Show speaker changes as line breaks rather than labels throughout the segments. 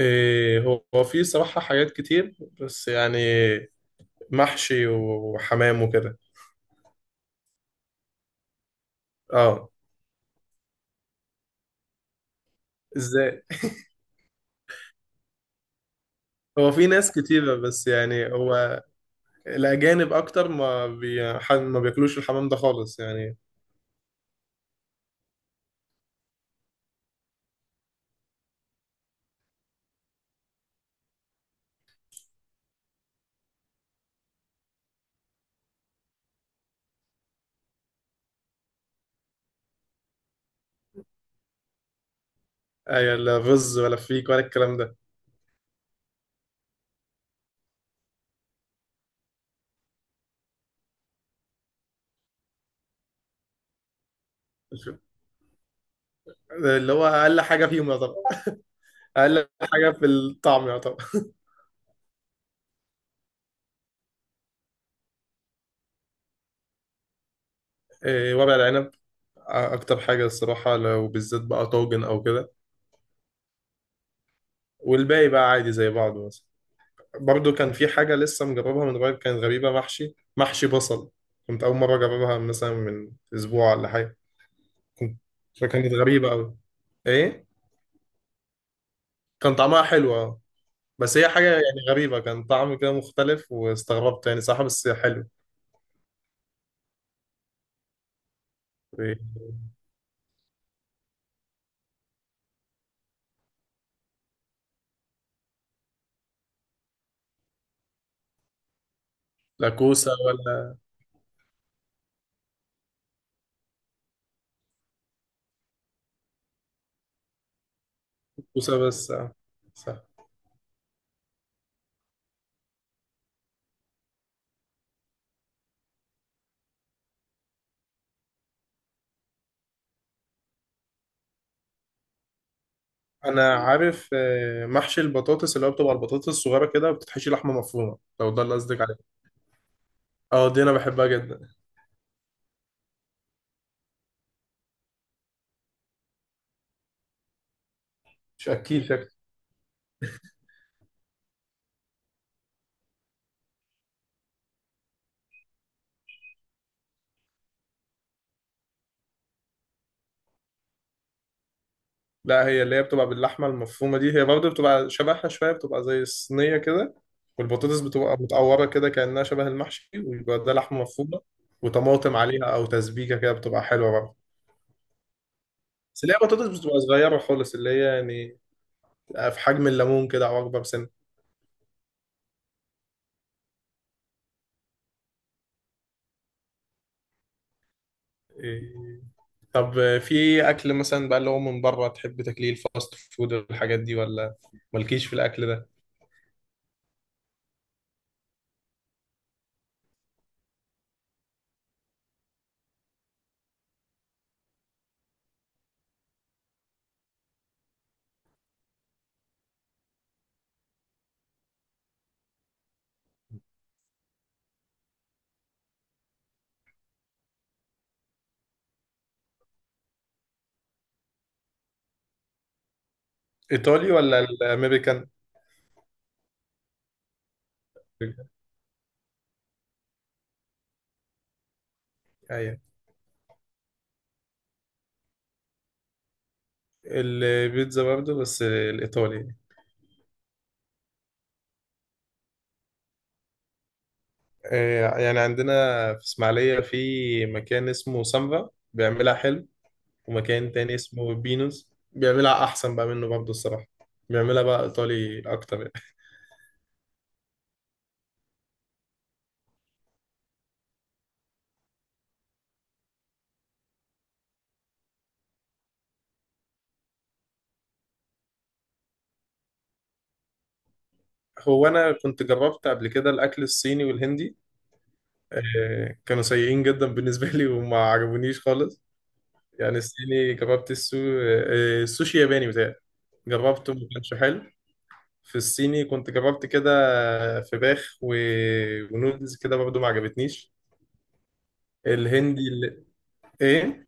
إيه، هو في صراحة حاجات كتير بس يعني محشي وحمام وكده. اه. ازاي؟ هو في ناس كتيرة بس يعني هو الأجانب أكتر ما بي... ح- ما بياكلوش الحمام ده خالص يعني. أي، لا رز ولا فيك ولا الكلام ده. اللي هو أقل حاجة فيهم يعتبر، أقل حاجة في الطعم يعتبر. إيه، ورق العنب أكتر حاجة الصراحة، لو بالذات بقى طاجن أو كده. والباقي بقى عادي زي بعضه. برضو كان في حاجة لسه مجربها من قريب، كانت غريبة، محشي بصل. كنت أول مرة أجربها مثلا من أسبوع ولا حاجة. كنت فكانت غريبة أوي. إيه، كان طعمها حلو أه. بس هي حاجة يعني غريبة، كان طعم كده مختلف واستغربت يعني، صح بس حلو. إيه، لا كوسة ولا كوسة بس صح. أنا عارف، محشي البطاطس اللي هو بتبقى البطاطس الصغيرة كده، وبتتحشي لحمة مفرومة، لو ده اللي قصدك عليه. أه دي أنا بحبها جدا. مش أكيد. لا، هي اللي هي بتبقى باللحمة المفرومة دي، هي برضه بتبقى شبهها شوية، بتبقى زي الصينية كده. والبطاطس بتبقى متقورة كده كأنها شبه المحشي، ويبقى ده لحمة مفرومة، وطماطم عليها أو تسبيكة كده بتبقى حلوة برضه. بس اللي هي بطاطس بتبقى صغيرة خالص، اللي هي يعني في حجم الليمون كده أو أكبر سنة. إيه، طب في أكل مثلا بقى اللي هو من بره تحب تاكليه، الفاست فود والحاجات دي، ولا مالكيش في الأكل ده؟ إيطالي ولا الأمريكان؟ أيوه. البيتزا برضه بس الإيطالي. يعني عندنا في اسماعيلية في مكان اسمه سامبا بيعملها حلو، ومكان تاني اسمه بينوس بيعملها أحسن بقى منه برضه الصراحة، بيعملها بقى إيطالي أكتر يعني. هو أنا كنت جربت قبل كده الأكل الصيني والهندي. كانوا سيئين جدا بالنسبة لي وما عجبونيش خالص. يعني الصيني جربت السوشي ياباني بتاعي، جربته ما كانش حلو. في الصيني كنت جربت كده فراخ و... ونودلز كده برضه ما عجبتنيش. الهندي اللي... ايه،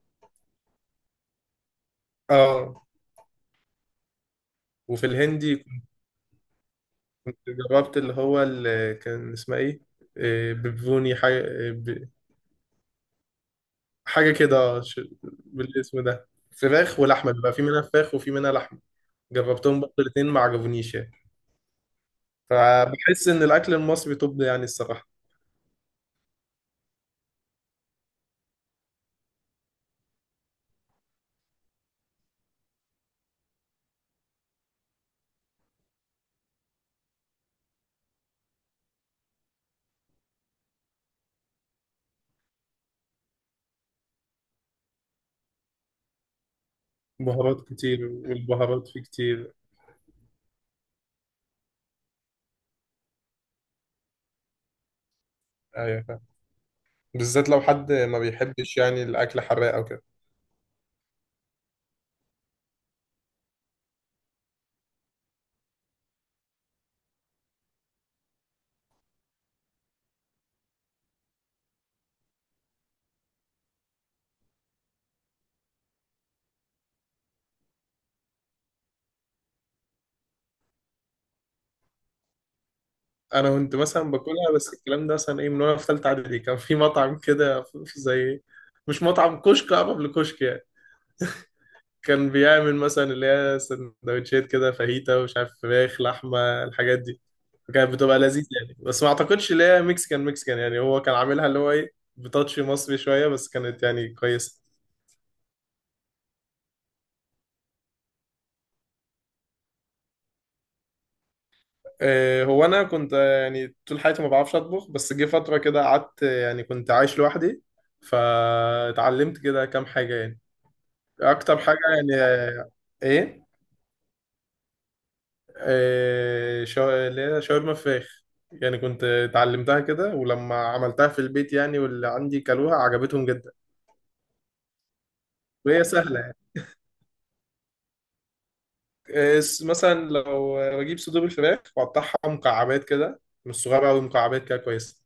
اه. وفي الهندي كنت جربت اللي هو اللي كان اسمها ايه، ببوني حاجة، حاجة كده، بالاسم ده. فراخ ولحمة، بيبقى في منها فراخ وفي منها لحمة. جربتهم برضه الاتنين ما عجبونيش يعني. فبحس ان الاكل المصري طب يعني الصراحة. بهارات كتير والبهارات فيه كتير. ايوه فاهم. بالذات لو حد ما بيحبش يعني الاكل حراق او كده. انا كنت مثلا باكلها، بس الكلام ده مثلا ايه من وانا في ثالثه اعدادي. كان في مطعم كده في زي مش مطعم، كشك، قبل كشك يعني. كان بيعمل مثلا اللي هي سندوتشات كده فاهيتا ومش عارف فراخ لحمه الحاجات دي. كانت بتبقى لذيذه يعني، بس ما اعتقدش اللي هي مكسيكان مكسيكان يعني، هو كان عاملها اللي هو ايه، بتاتش مصري شويه، بس كانت يعني كويسه. هو انا كنت، يعني طول حياتي ما بعرفش اطبخ، بس جه فتره كده قعدت، يعني كنت عايش لوحدي فاتعلمت كده كام حاجه يعني، اكتر حاجه يعني. ايه؟ اللي هي شاورما فراخ. يعني كنت اتعلمتها كده، ولما عملتها في البيت يعني واللي عندي كلوها عجبتهم جدا، وهي سهله يعني. مثلا لو بجيب صدور الفراخ واقطعها مكعبات كده، مش صغيره قوي، مكعبات كده كويسه.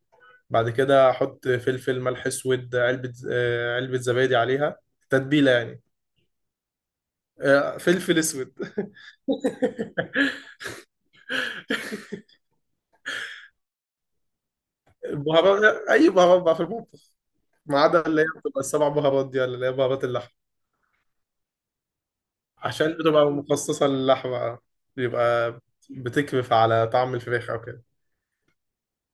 بعد كده احط فلفل، ملح اسود، علبه، علبه زبادي عليها، تتبيله يعني. فلفل اسود. بهارات، اي بهارات بقى في المطبخ، ما عدا اللي هي بتبقى السبع بهارات دي ولا اللي هي بهارات اللحم، عشان بتبقى مخصصة للحمة، بيبقى بتكرف على طعم الفراخ أو كده.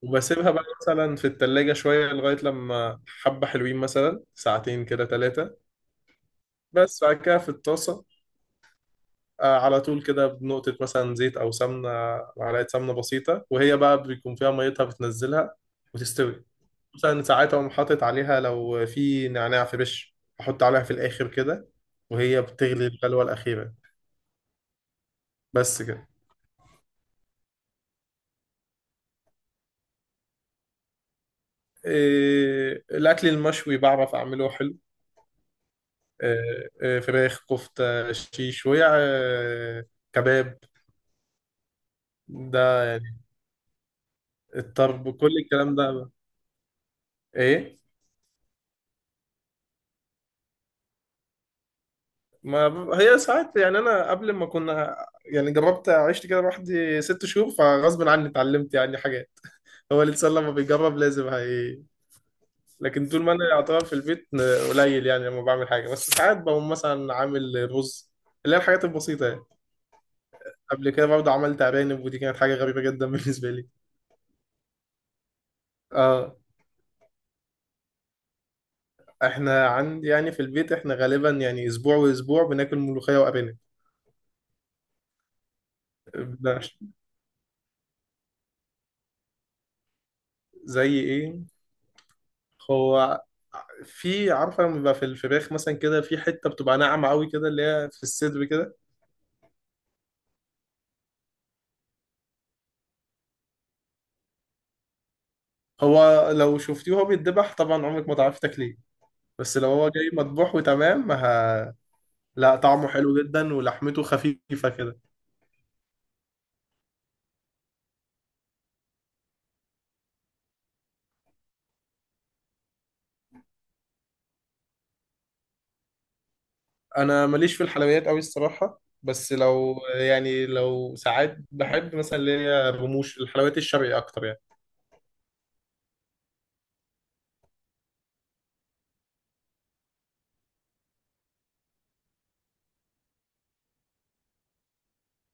وبسيبها بقى مثلا في التلاجة شوية لغاية لما حبة حلوين، مثلا ساعتين كده ثلاثة. بس بعد كده في الطاسة، على طول كده بنقطة مثلا زيت أو سمنة، معلقة سمنة بسيطة، وهي بقى بيكون فيها ميتها بتنزلها وتستوي. مثلا ساعات أقوم حاطط عليها، لو في نعناع فريش أحط عليها في الآخر كده وهي بتغلي الغلوة الأخيرة. بس كده. إيه الأكل المشوي بعرف أعمله حلو. إيه إيه فراخ كفتة شيشوية إيه كباب ده يعني، الطرب كل الكلام ده. إيه. ما ب- هي ساعات يعني، أنا قبل ما كنا يعني جربت عشت كده لوحدي 6 شهور فغصب عني اتعلمت يعني حاجات. هو الإنسان لما بيجرب لازم هي. لكن طول ما أنا يعتبر في البيت قليل يعني لما بعمل حاجة، بس ساعات بقوم مثلا عامل رز، اللي هي الحاجات البسيطة يعني. قبل كده برضه عملت أرانب، ودي كانت حاجة غريبة جدا بالنسبة لي. اه، احنا عند يعني في البيت احنا غالبا يعني اسبوع واسبوع بناكل ملوخية وأرانب. بنعش- زي ايه هو. في عارفة لما بيبقى في الفراخ مثلا كده في حتة بتبقى ناعمة قوي كده اللي هي في الصدر كده. هو لو شفتيه وهو بيتذبح طبعا عمرك ما تعرفي تاكليه. بس لو هو جاي مطبوح وتمام لا طعمه حلو جدا ولحمته خفيفة كده. انا ماليش في الحلويات قوي الصراحه، بس لو يعني لو ساعات بحب مثلا اللي هي الرموش، الحلويات الشرقي اكتر يعني.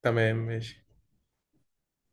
تمام ماشي.